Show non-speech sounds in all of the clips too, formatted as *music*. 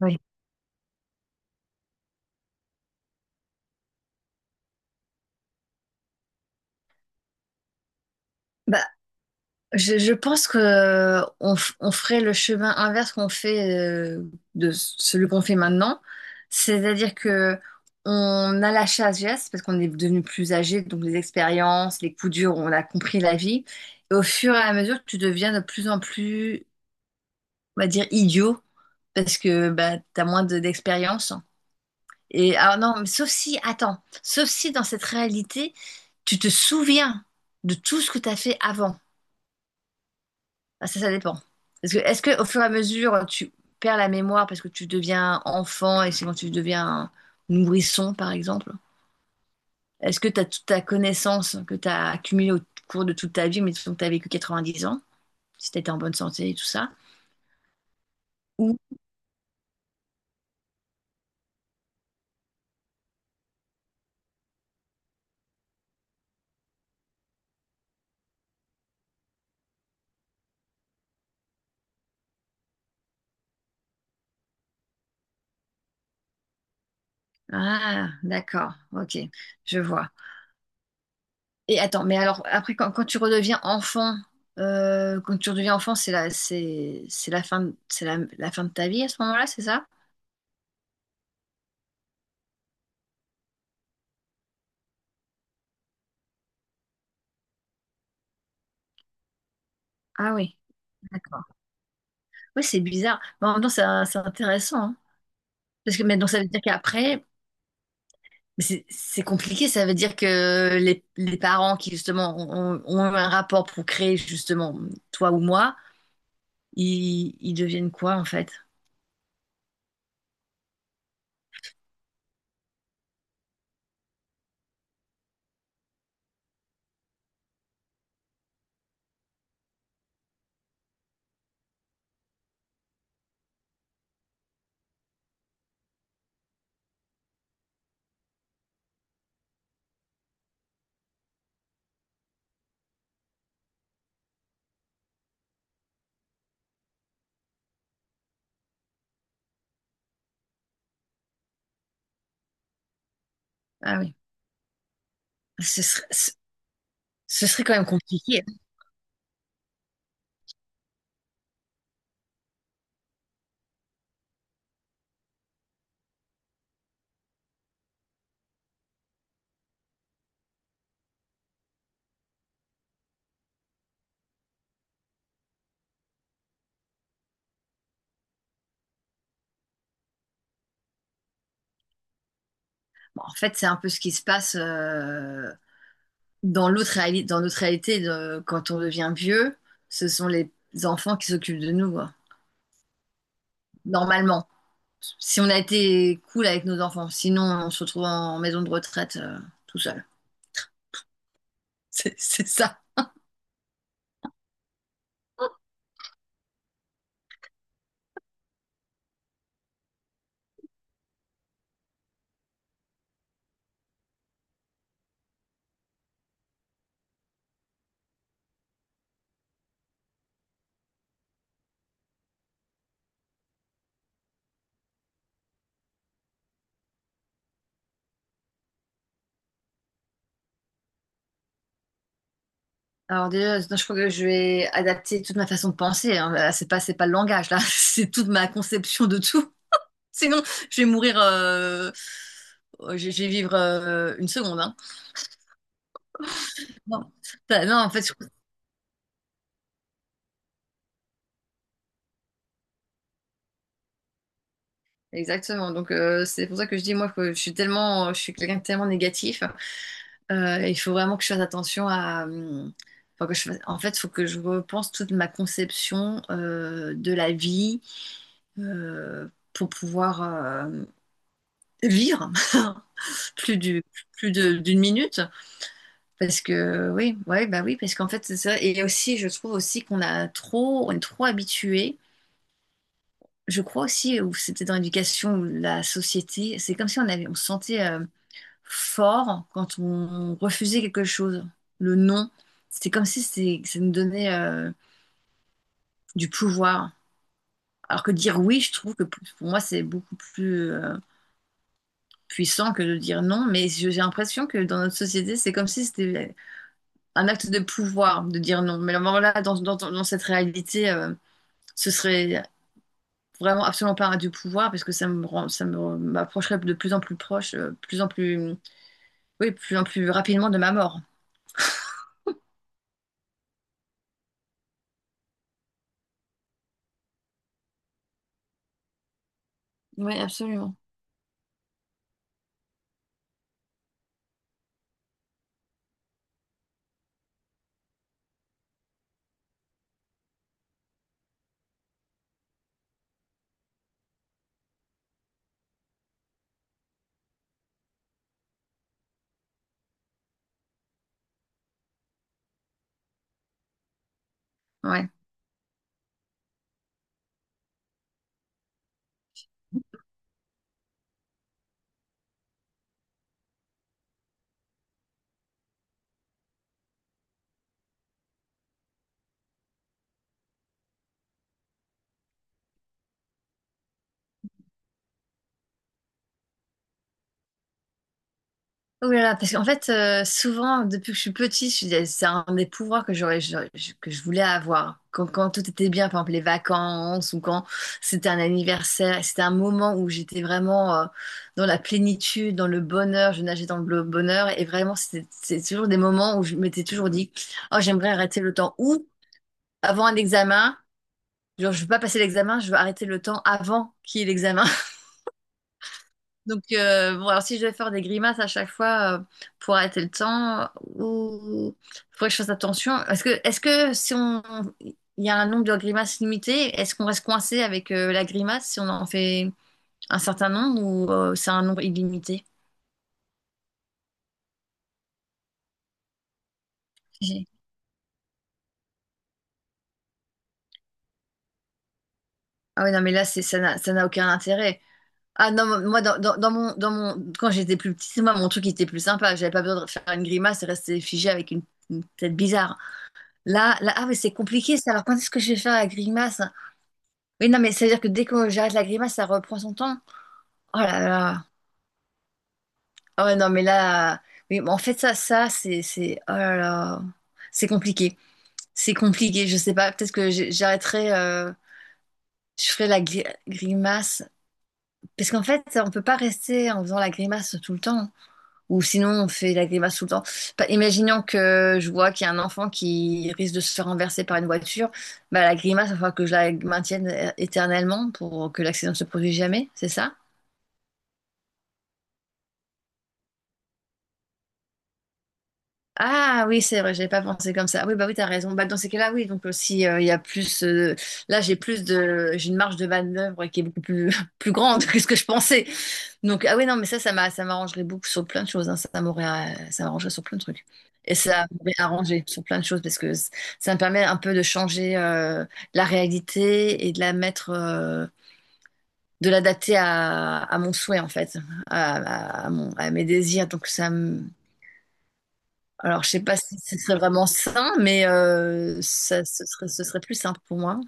Oui. Bah, je pense que on ferait le chemin inverse qu'on fait euh, de celui qu'on fait maintenant, c'est-à-dire que on a la sagesse parce qu'on est devenu plus âgé, donc les expériences, les coups durs, on a compris la vie, et au fur et à mesure, tu deviens de plus en plus, on va dire, idiot parce que bah, t'as moins d'expérience. Et ah non, mais sauf si, attends, sauf si dans cette réalité, tu te souviens de tout ce que t'as fait avant. Ah, ça dépend. Parce que, est-ce que au fur et à mesure, tu perds la mémoire parce que tu deviens enfant et c'est quand tu deviens un nourrisson, par exemple? Est-ce que tu as toute ta connaissance que tu as accumulée au cours de toute ta vie, mais disons que tu as vécu 90 ans, si tu étais en bonne santé et tout ça? Ou... Ah, d'accord, ok, je vois. Et attends, mais alors, après, quand tu redeviens enfant, quand tu redeviens enfant, c'est la fin, c'est la, la fin de ta vie à ce moment-là, c'est ça? Ah oui, d'accord. Oui, c'est bizarre. Mais en même temps, c'est intéressant, hein. Parce que, mais donc, ça veut dire qu'après, mais c'est compliqué. Ça veut dire que les parents qui, justement, ont un rapport pour créer, justement, toi ou moi, ils deviennent quoi, en fait? Ah oui. Ce serait, ce ce serait quand même compliqué. Bon, en fait, c'est un peu ce qui se passe dans notre réalité quand on devient vieux. Ce sont les enfants qui s'occupent de nous, quoi. Normalement, si on a été cool avec nos enfants. Sinon, on se retrouve en maison de retraite, tout seul. *laughs* C'est ça. Alors déjà, je crois que je vais adapter toute ma façon de penser, hein. Là, c'est pas le langage, là. *laughs* C'est toute ma conception de tout. Sinon, je vais mourir, je vais vivre une seconde, hein. Non. Enfin, non, en fait, exactement. Donc, c'est pour ça que je dis, moi, que je suis quelqu'un de tellement négatif. Il faut vraiment que je fasse attention à, enfin, en fait, il faut que je repense toute ma conception de la vie, euh, pour pouvoir vivre *laughs* plus du, plus de- d'une minute. Parce que oui, ouais, bah oui, parce qu'en fait, c'est ça. Et aussi, je trouve aussi qu'on est trop habitué. Je crois aussi, ou c'était dans l'éducation ou la société, c'est comme si on se sentait, fort quand on refusait quelque chose. Le non, c'est comme si ça nous donnait, du pouvoir. Alors que dire oui, je trouve que pour moi, c'est beaucoup plus, puissant que de dire non. Mais j'ai l'impression que dans notre société, c'est comme si c'était un acte de pouvoir de dire non. Mais alors là, dans cette réalité, ce serait vraiment absolument pas du pouvoir parce que ça me rend- ça me- m'approcherait de plus en plus proche, plus en plus, oui, plus en plus rapidement de ma mort. Oui, absolument. Ouais. Oh là là, parce qu'en fait, souvent, depuis que je suis petite, je disais, c'est un des pouvoirs que j'aurais, que je voulais avoir. Quand tout était bien, par exemple les vacances ou quand c'était un anniversaire, c'était un moment où j'étais vraiment, dans la plénitude, dans le bonheur, je nageais dans le bonheur et vraiment, c'était c'est toujours des moments où je m'étais toujours dit, oh, j'aimerais arrêter le temps. Ou avant un examen, genre, je veux pas passer l'examen, je veux arrêter le temps avant qu'il y ait l'examen. Donc, bon, alors si je dois faire des grimaces à chaque fois, pour arrêter le temps, ou faudrait que je fasse attention. Est-ce que si on, il y a un nombre de grimaces limité, est-ce qu'on reste coincé avec, la grimace si on en fait un certain nombre ou c'est un nombre illimité? J'ai- Ah oui, non, mais là, ça n'a aucun intérêt. Ah non, moi, quand j'étais plus petite, moi, mon truc était plus sympa. J'avais pas besoin de faire une grimace et rester figé avec une tête bizarre. Là, là, ah oui, c'est compliqué ça. Alors, quand est-ce que je vais faire la grimace, hein? Oui, non, mais c'est-à-dire que dès que j'arrête la grimace, ça reprend son temps. Oh là là. Ah ouais, non, mais là. Oui, mais en fait, oh là là. C'est compliqué. C'est compliqué. Je sais pas. Peut-être que j'arrêterai. Je ferai la grimace. Parce qu'en fait, on peut pas rester en faisant la grimace tout le temps. Ou sinon, on fait la grimace tout le temps. Imaginons que je vois qu'il y a un enfant qui risque de se faire renverser par une voiture. Bah, la grimace, il va falloir que je la maintienne éternellement pour que l'accident ne se produise jamais. C'est ça? Ah oui, c'est vrai, j'avais pas pensé comme ça. Ah oui, bah oui, t'as raison. Bah, dans ces cas-là, oui, donc aussi, il y a plus. Là, j'ai plus de. J'ai une marge de manœuvre qui est beaucoup plus, *laughs* plus grande que ce que je pensais. Donc, ah oui, non, mais ça, ça m'arrangerait beaucoup sur plein de choses, hein. Ça m'arrangerait sur plein de trucs. Et ça m'aurait arrangé sur plein de choses parce que ça me permet un peu de changer, la réalité et de la mettre, de l'adapter à mon souhait, en fait, à mes désirs. Donc, ça me. Alors, je sais pas si ce serait vraiment sain, mais ce serait plus simple pour moi.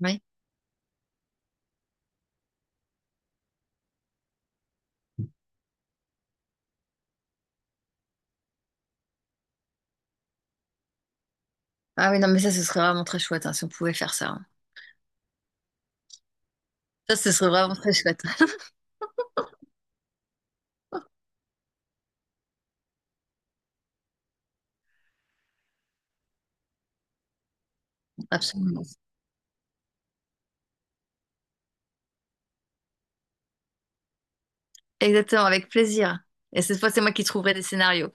Oui. Ah oui, non, mais ça, ce serait vraiment très chouette, hein, si on pouvait faire ça, hein. Ça, ce serait vraiment très chouette. *laughs* Absolument. Exactement, avec plaisir. Et cette fois, c'est moi qui trouverai des scénarios.